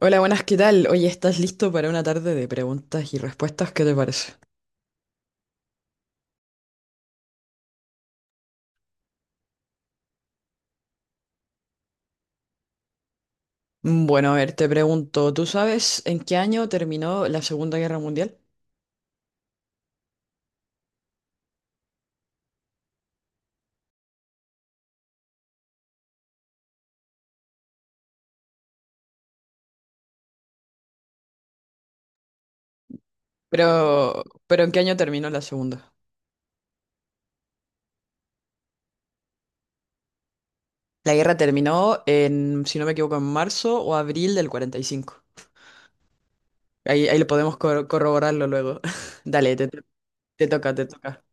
Hola, buenas, ¿qué tal? Oye, ¿estás listo para una tarde de preguntas y respuestas? ¿Qué te parece? Bueno, a ver, te pregunto, ¿tú sabes en qué año terminó la Segunda Guerra Mundial? Pero, ¿en qué año terminó la Segunda? La guerra terminó en, si no me equivoco, en marzo o abril del 45. Ahí lo podemos corroborarlo luego. Dale, te toca, te toca.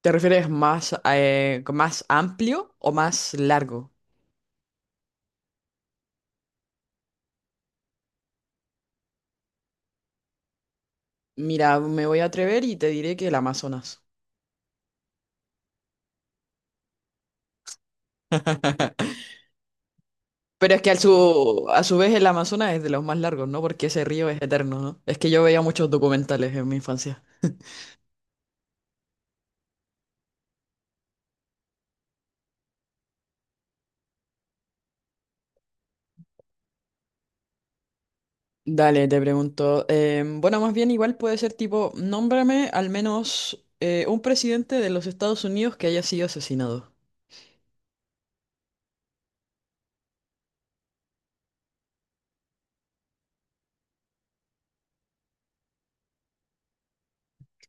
¿Te refieres más amplio o más largo? Mira, me voy a atrever y te diré que el Amazonas. Pero es que a su vez el Amazonas es de los más largos, ¿no? Porque ese río es eterno, ¿no? Es que yo veía muchos documentales en mi infancia. Dale, te pregunto. Bueno, más bien igual puede ser tipo, nómbrame al menos un presidente de los Estados Unidos que haya sido asesinado.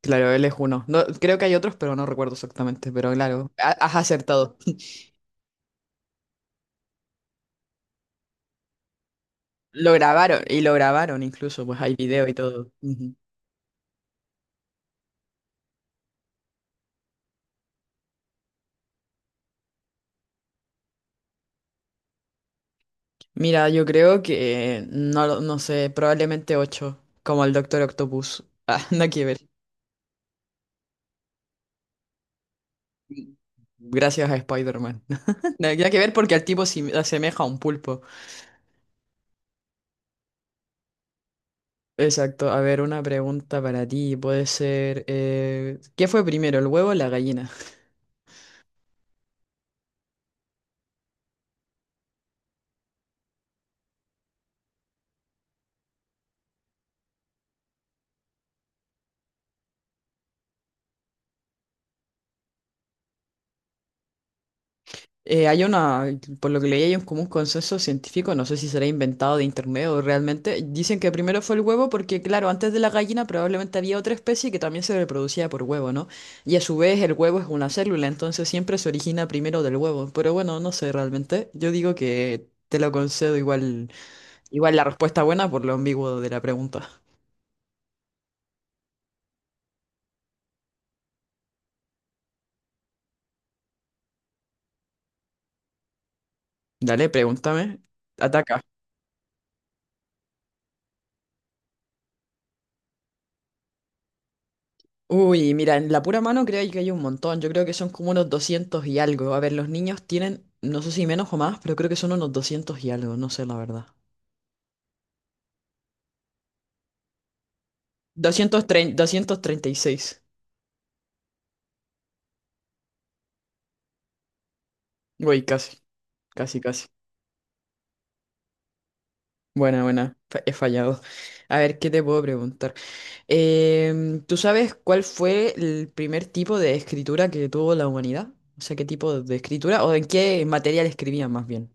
Claro, él es uno. No, creo que hay otros, pero no recuerdo exactamente. Pero claro, has acertado. Lo grabaron, y lo grabaron incluso, pues hay video y todo. Ujú. Mira, yo creo que no, no sé, probablemente 8 como el Doctor Octopus. Ah, nada que ver. Gracias a Spider-Man. Nada nada que ver porque al tipo se asemeja a un pulpo. Exacto. A ver, una pregunta para ti. Puede ser, ¿qué fue primero, el huevo o la gallina? Hay una, por lo que leí, hay un común consenso científico, no sé si será inventado de internet o realmente. Dicen que primero fue el huevo porque, claro, antes de la gallina probablemente había otra especie que también se reproducía por huevo, ¿no? Y a su vez el huevo es una célula, entonces siempre se origina primero del huevo. Pero bueno, no sé realmente. Yo digo que te lo concedo igual, igual la respuesta buena por lo ambiguo de la pregunta. Dale, pregúntame. Ataca. Uy, mira, en la pura mano creo que hay un montón. Yo creo que son como unos 200 y algo. A ver, los niños tienen, no sé si menos o más, pero creo que son unos 200 y algo, no sé la verdad. 200, 230, 236. Uy, casi, casi, casi. Buena, buena, he fallado. A ver, ¿qué te puedo preguntar? ¿Tú sabes cuál fue el primer tipo de escritura que tuvo la humanidad? O sea, ¿qué tipo de escritura o en qué material escribían más bien?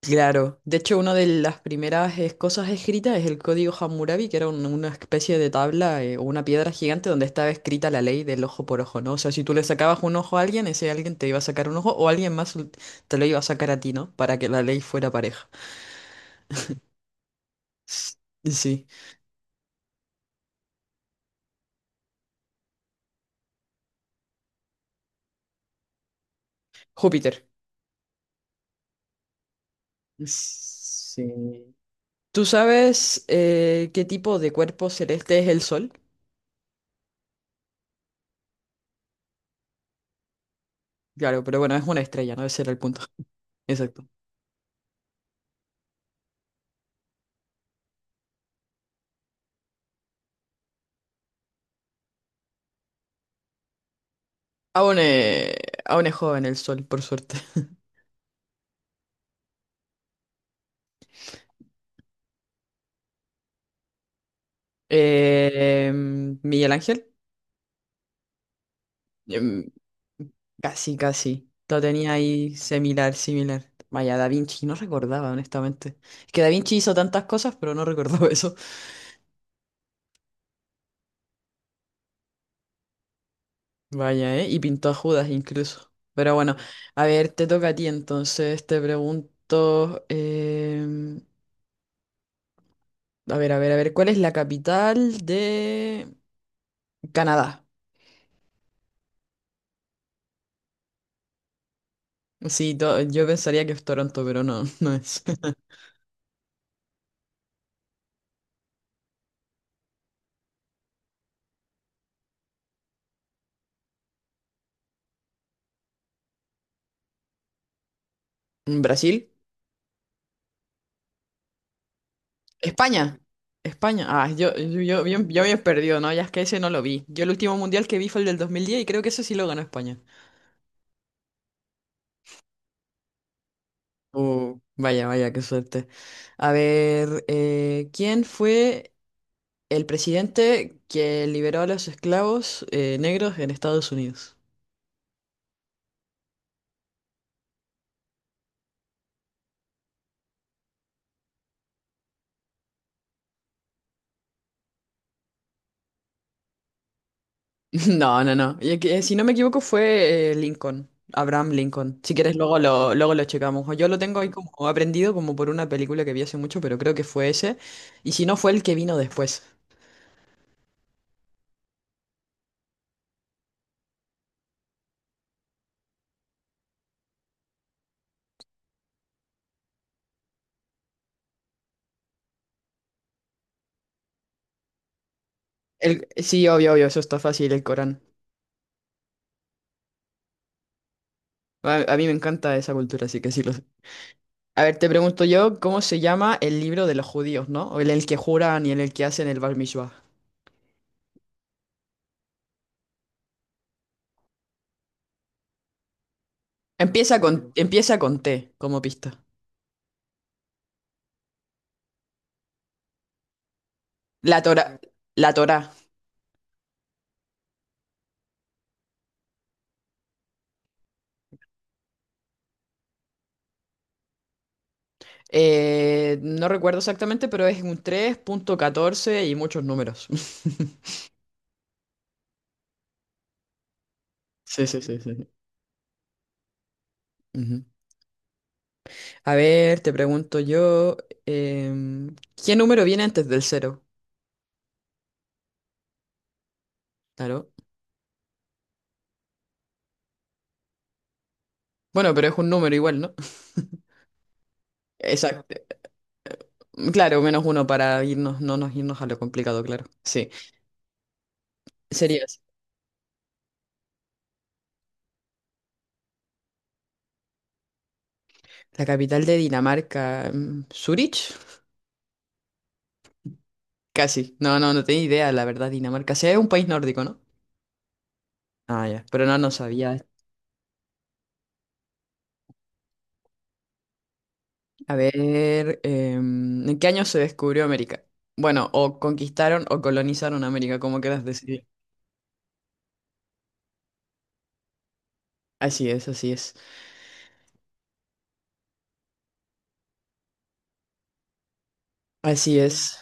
Claro, de hecho una de las primeras cosas escritas es el código Hammurabi, que era una especie de tabla o una piedra gigante donde estaba escrita la ley del ojo por ojo, ¿no? O sea, si tú le sacabas un ojo a alguien, ese alguien te iba a sacar un ojo o alguien más te lo iba a sacar a ti, ¿no? Para que la ley fuera pareja. S- Sí, Júpiter. Sí. ¿Tú sabes qué tipo de cuerpo celeste es el Sol? Claro, pero bueno, es una estrella, ¿no? Ese era el punto. Exacto. Aún es, aún es joven el Sol, por suerte. Eh, Miguel Ángel, em, casi, casi. Lo tenía ahí similar, similar. Vaya, Da Vinci, no recordaba, honestamente. Es que Da Vinci hizo tantas cosas, pero no recordaba eso. Vaya, ¿eh? Y pintó a Judas incluso. Pero bueno, a ver, te toca a ti entonces, te pregunto. A ver, a ver, a ver, ¿cuál es la capital de Canadá? Sí, yo pensaría que es Toronto, pero no, no es. ¿Brasil? España. España. Ah, yo me he perdido, ¿no? Ya es que ese no lo vi. Yo el último mundial que vi fue el del 2010 y creo que ese sí lo ganó España. Oh, vaya, vaya, qué suerte. A ver, ¿quién fue el presidente que liberó a los esclavos negros en Estados Unidos? No, no, no. Y que, si no me equivoco fue Lincoln, Abraham Lincoln. Si quieres luego lo checamos. O yo lo tengo ahí como aprendido como por una película que vi hace mucho, pero creo que fue ese. Y si no fue el que vino después. Sí, obvio, obvio, eso está fácil, el Corán. A mí me encanta esa cultura, así que sí lo sé. A ver, te pregunto yo, ¿cómo se llama el libro de los judíos, no? O el que juran y en el que hacen el Bar Mishwah. Empieza con T, como pista. La Torá, la Torá. No recuerdo exactamente, pero es un 3,14 y muchos números. Sí, sí, sí, sí. Ujú. A ver, te pregunto yo, em, ¿qué número viene antes del cero? Claro. Bueno, pero es un número igual, ¿no? Exacto. Claro, -1 para irnos, no nos irnos a lo complicado, claro. Sí. Sería así. La capital de Dinamarca, Zurich. Casi. No, no, no tenía idea, la verdad, Dinamarca. Sí, es un país nórdico, ¿no? Ah, ya. Pero no, no sabía. A ver, ¿en qué año se descubrió América? Bueno, o conquistaron o colonizaron América, como quieras decir. Así es, así es. Así es.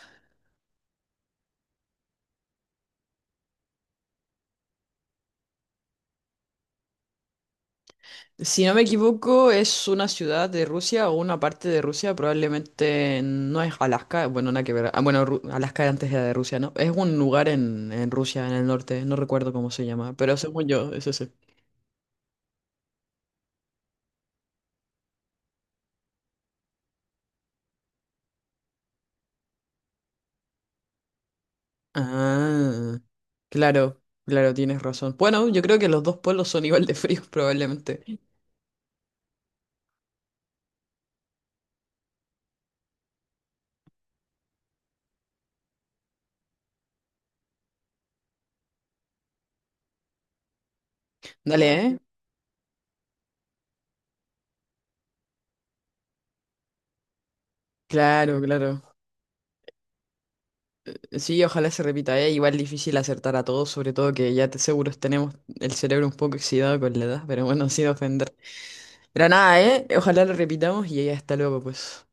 Si no me equivoco, es una ciudad de Rusia o una parte de Rusia, probablemente no es Alaska, bueno, nada que ver. Ah, bueno, Alaska antes era de Rusia, ¿no? Es un lugar en Rusia, en el norte, no recuerdo cómo se llama, pero según yo, es ese. Ah, claro, claro, tienes razón. Bueno, yo creo que los dos pueblos son igual de fríos, probablemente. Dale, ¿eh? Claro, claro. Sí, ojalá se repita, ¿eh? Igual difícil acertar a todos, sobre todo que ya te seguro tenemos el cerebro un poco oxidado con la edad, pero bueno, sin ofender. Pero nada, ¿eh? Ojalá lo repitamos y ya está luego, pues.